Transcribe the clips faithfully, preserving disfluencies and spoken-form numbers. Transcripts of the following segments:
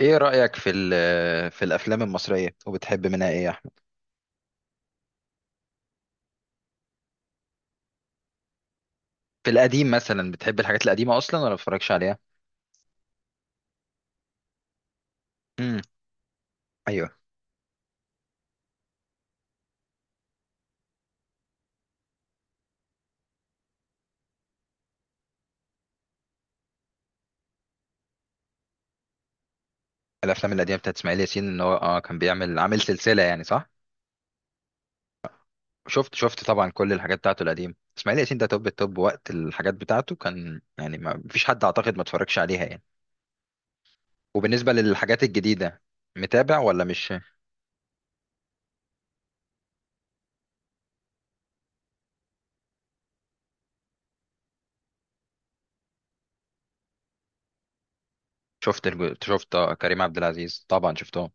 ايه رأيك في ال- في الافلام المصرية؟ وبتحب منها ايه يا احمد؟ في القديم مثلا، بتحب الحاجات القديمة اصلا ولا ما بتتفرجش عليها؟ امم ايوه. الافلام القديمة بتاعت اسماعيل ياسين، ان هو اه كان بيعمل عامل سلسلة يعني، صح؟ شفت شفت طبعا، كل الحاجات بتاعته القديمة. اسماعيل ياسين ده توب التوب وقت الحاجات بتاعته، كان يعني ما فيش حد اعتقد ما اتفرجش عليها يعني. وبالنسبة للحاجات الجديدة، متابع ولا مش؟ شفت الج- شفت آه، كريم عبد العزيز طبعا شفتهم.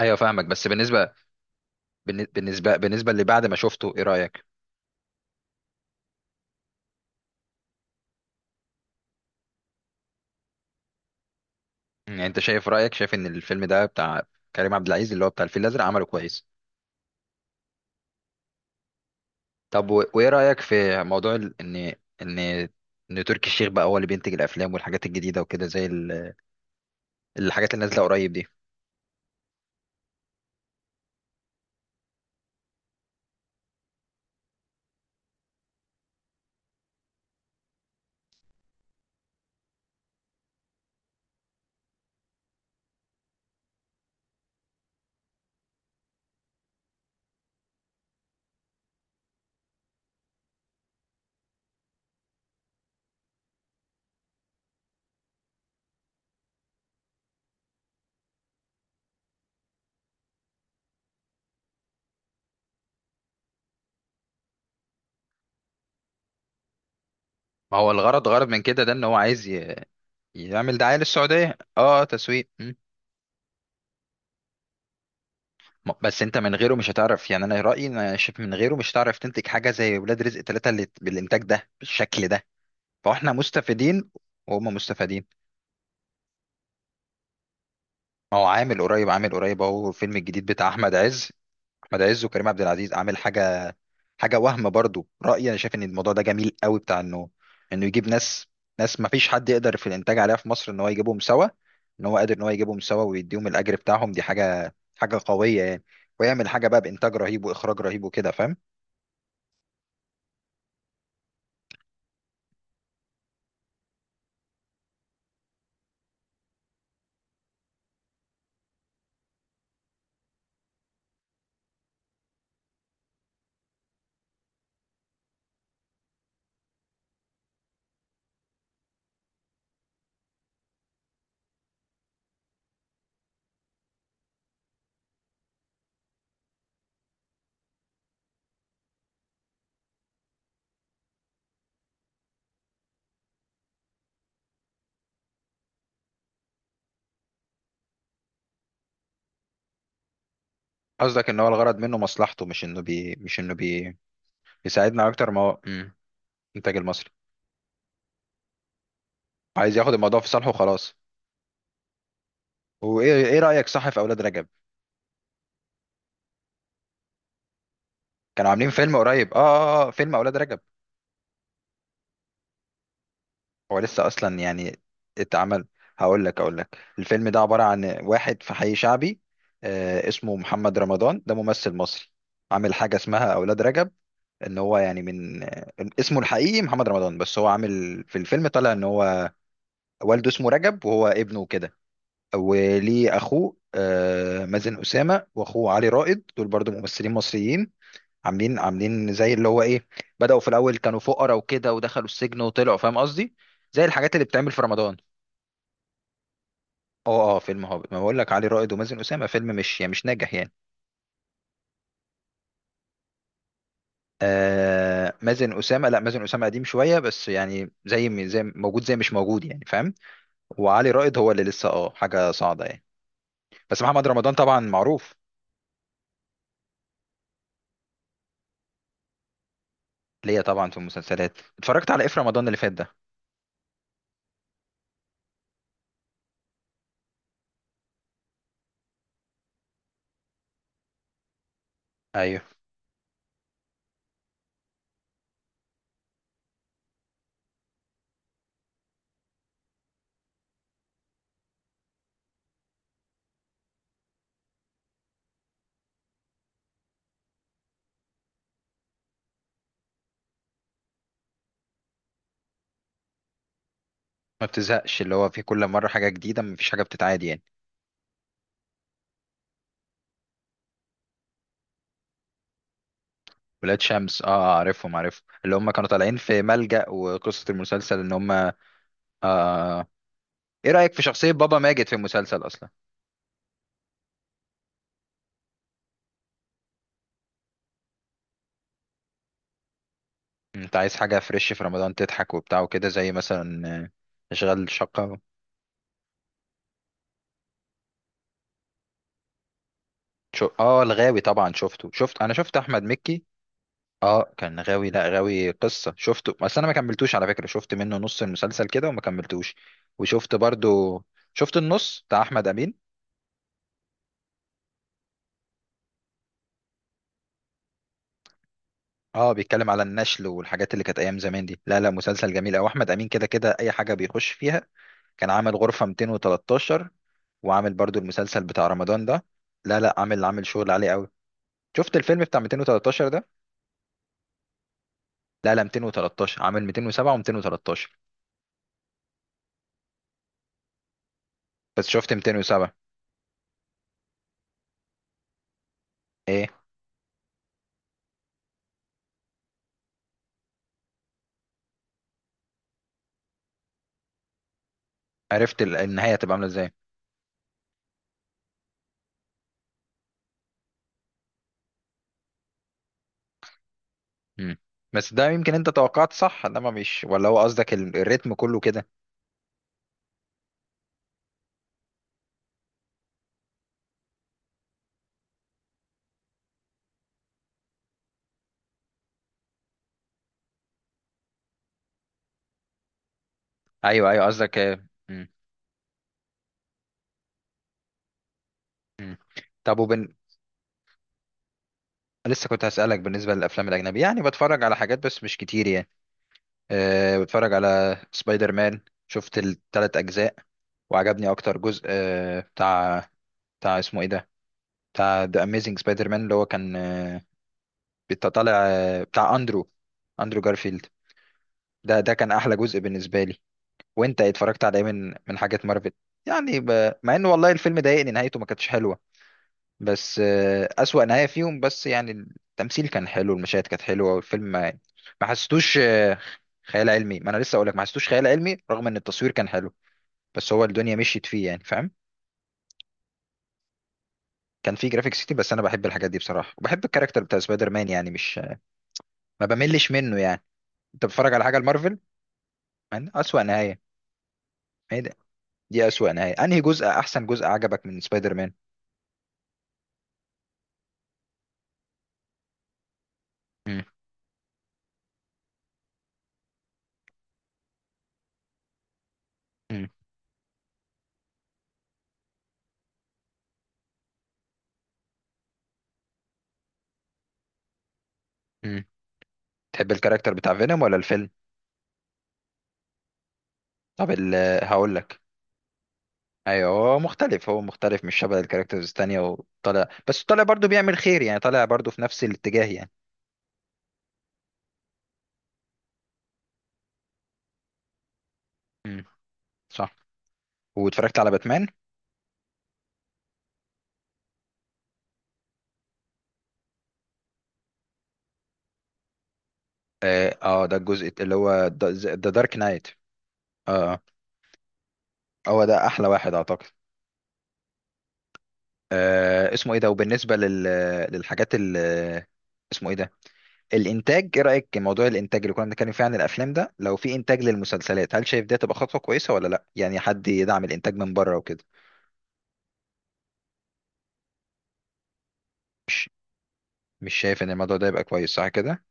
ايوه فاهمك. بس بالنسبة بالن- بالنسبة بالنسبة باللي بعد ما شفته ايه رأيك؟ يعني انت شايف، رأيك شايف ان الفيلم ده بتاع كريم عبد العزيز اللي هو بتاع الفيل الازرق عمله كويس؟ طب، و- وايه رأيك في موضوع ال- ان ان ان تركي الشيخ بقى هو اللي بينتج الافلام والحاجات الجديده وكده، زي ال- الحاجات اللي نازله قريب دي؟ ما هو الغرض غرض من كده، ده ان هو عايز ي- يعمل دعايه للسعوديه، اه تسويق. مم. م- بس انت من غيره مش هتعرف. يعني انا رايي، إن انا شايف من غيره مش هتعرف تنتج حاجه زي ولاد رزق ثلاثة اللي بالانتاج ده بالشكل ده. فاحنا مستفيدين وهم مستفيدين. هو عامل قريب عامل قريب اهو الفيلم الجديد بتاع احمد عز. احمد عز وكريم عبد العزيز عامل حاجه حاجه. وهم برضو، رايي انا شايف ان الموضوع ده جميل قوي، بتاع انه انه يجيب ناس، ناس ما فيش حد يقدر في الانتاج عليها في مصر ان هو يجيبهم سوا. ان هو قادر ان هو يجيبهم سوا ويديهم الاجر بتاعهم، دي حاجه حاجه قويه يعني. ويعمل حاجه بقى بانتاج رهيب واخراج رهيب وكده، فاهم؟ قصدك ان هو الغرض منه مصلحته، مش انه بي مش انه بي بيساعدنا اكتر ما هو. مم. الانتاج المصري عايز ياخد الموضوع في صالحه وخلاص. وايه ايه رايك، صح، في اولاد رجب؟ كانوا عاملين فيلم قريب، اه اه اه فيلم اولاد رجب. هو لسه اصلا يعني اتعمل. هقول لك اقول لك الفيلم ده عبارة عن واحد في حي شعبي. آه اسمه محمد رمضان، ده ممثل مصري. عامل حاجة اسمها اولاد رجب. ان هو يعني من آه، اسمه الحقيقي محمد رمضان، بس هو عامل في الفيلم طالع ان هو والده اسمه رجب وهو ابنه كده. وليه اخوه آه، مازن اسامه، واخوه علي رائد، دول برضو ممثلين مصريين. عاملين عاملين زي اللي هو ايه، بدأوا في الاول كانوا فقراء وكده، ودخلوا السجن وطلعوا، فاهم قصدي؟ زي الحاجات اللي بتعمل في رمضان. اه اه فيلم هابط، ما بقول لك علي رائد ومازن اسامه، فيلم مش يعني مش ناجح يعني. آه مازن اسامه، لا مازن اسامه قديم شويه بس، يعني زي زي موجود زي مش موجود يعني، فاهم؟ وعلي رائد هو اللي لسه اه حاجه صاعده يعني. بس محمد رمضان طبعا معروف. ليا طبعا في المسلسلات، اتفرجت على ايه في رمضان اللي فات ده. ايوه. ما بتزهقش، اللي هو في كل مره حاجه جديده، مفيش حاجه بتتعاد يعني. ولاد شمس، اه آه، عارفهم عارفهم، اللي هم كانوا طالعين في ملجأ، وقصة المسلسل ان هم آه آه، ايه رأيك في شخصية بابا ماجد في المسلسل اصلا؟ انت عايز حاجة فريش في رمضان تضحك وبتاع وكده، زي مثلا آه، اشغال شقة. شو... اه الغاوي طبعا شفته، شفت انا شفت احمد مكي. اه كان غاوي، لا غاوي قصة شفته، بس انا ما كملتوش على فكرة، شفت منه نص المسلسل كده وما كملتوش. وشفت برضو، شفت النص بتاع احمد امين. اه بيتكلم على النشل والحاجات اللي كانت ايام زمان دي. لا لا، مسلسل جميل قوي، احمد امين كده كده اي حاجه بيخش فيها. كان عامل غرفه مئتين وتلتاشر، وعامل برضو المسلسل بتاع رمضان ده. لا لا، عامل عامل شغل عالي قوي. شفت الفيلم بتاع مئتين وتلتاشر ده. لا لا، مئتان وثلاثة عشر عامل مئتين وسبعة و213، بس شفت مئتين وسبعة. ايه؟ عرفت ال- النهايه هتبقى عامله ازاي. مم. بس ده يمكن انت توقعت صح، انما مش، ولا هو قصدك ال- الريتم كله كده؟ ايوه ايوه، قصدك. آه. مم. مم. طب، وبن... لسه كنت هسألك بالنسبة للأفلام الأجنبي. يعني بتفرج على حاجات بس مش كتير يعني؟ أه بتفرج على سبايدر مان. شفت التلات أجزاء، وعجبني أكتر جزء أه بتاع بتاع اسمه إيه ده، بتاع ذا أميزنج سبايدر مان، اللي هو كان أه بت- طالع آه، بتاع أندرو أندرو جارفيلد. ده ده كان أحلى جزء بالنسبة لي. وأنت اتفرجت على إيه من من حاجات مارفل؟ يعني، ب... مع إن والله الفيلم ضايقني، نهايته ما كانتش حلوة. بس آه، أسوأ نهاية فيهم بس يعني. التمثيل كان حلو، المشاهد كانت حلوة، والفيلم ما يعني، ما حسيتوش آه، خيال علمي، ما أنا لسه أقولك ما حسيتوش خيال علمي رغم إن التصوير كان حلو. بس هو الدنيا مشيت فيه يعني، فاهم؟ كان فيه جرافيكس كتير، بس أنا بحب الحاجات دي بصراحة، وبحب الكاركتر بتاع سبايدر مان يعني، مش، ما بملش منه يعني. أنت بتتفرج على حاجة لمارفل، يعني أسوأ نهاية، إيه ده؟ دي أسوأ نهاية. أنهي جزء أحسن جزء عجبك من سبايدر مان؟ مم. مم. مم. تحب الكاركتر بتاع فينوم ولا الفيلم؟ طب، ال- هقولك، ايوه، هو مختلف هو مختلف، مش شبه الكاركترز التانية، وطالع بس طالع برضو بيعمل خير يعني، طالع برضو في نفس الاتجاه يعني. امم صح. واتفرجت على باتمان. اه آه، ده الجزء اللي هو ذا دارك نايت. اه آه. هو ده احلى واحد اعتقد. آه اسمه ايه ده، وبالنسبة لل للحاجات ال، اسمه ايه ده؟ الانتاج، ايه رأيك موضوع الانتاج اللي كنا بنتكلم فيه عن الافلام ده، لو في انتاج للمسلسلات هل شايف ده تبقى خطوة كويسة ولا لا، يعني حد يدعم الانتاج من بره وكده؟ مش مش شايف ان الموضوع ده يبقى كويس، صح كده؟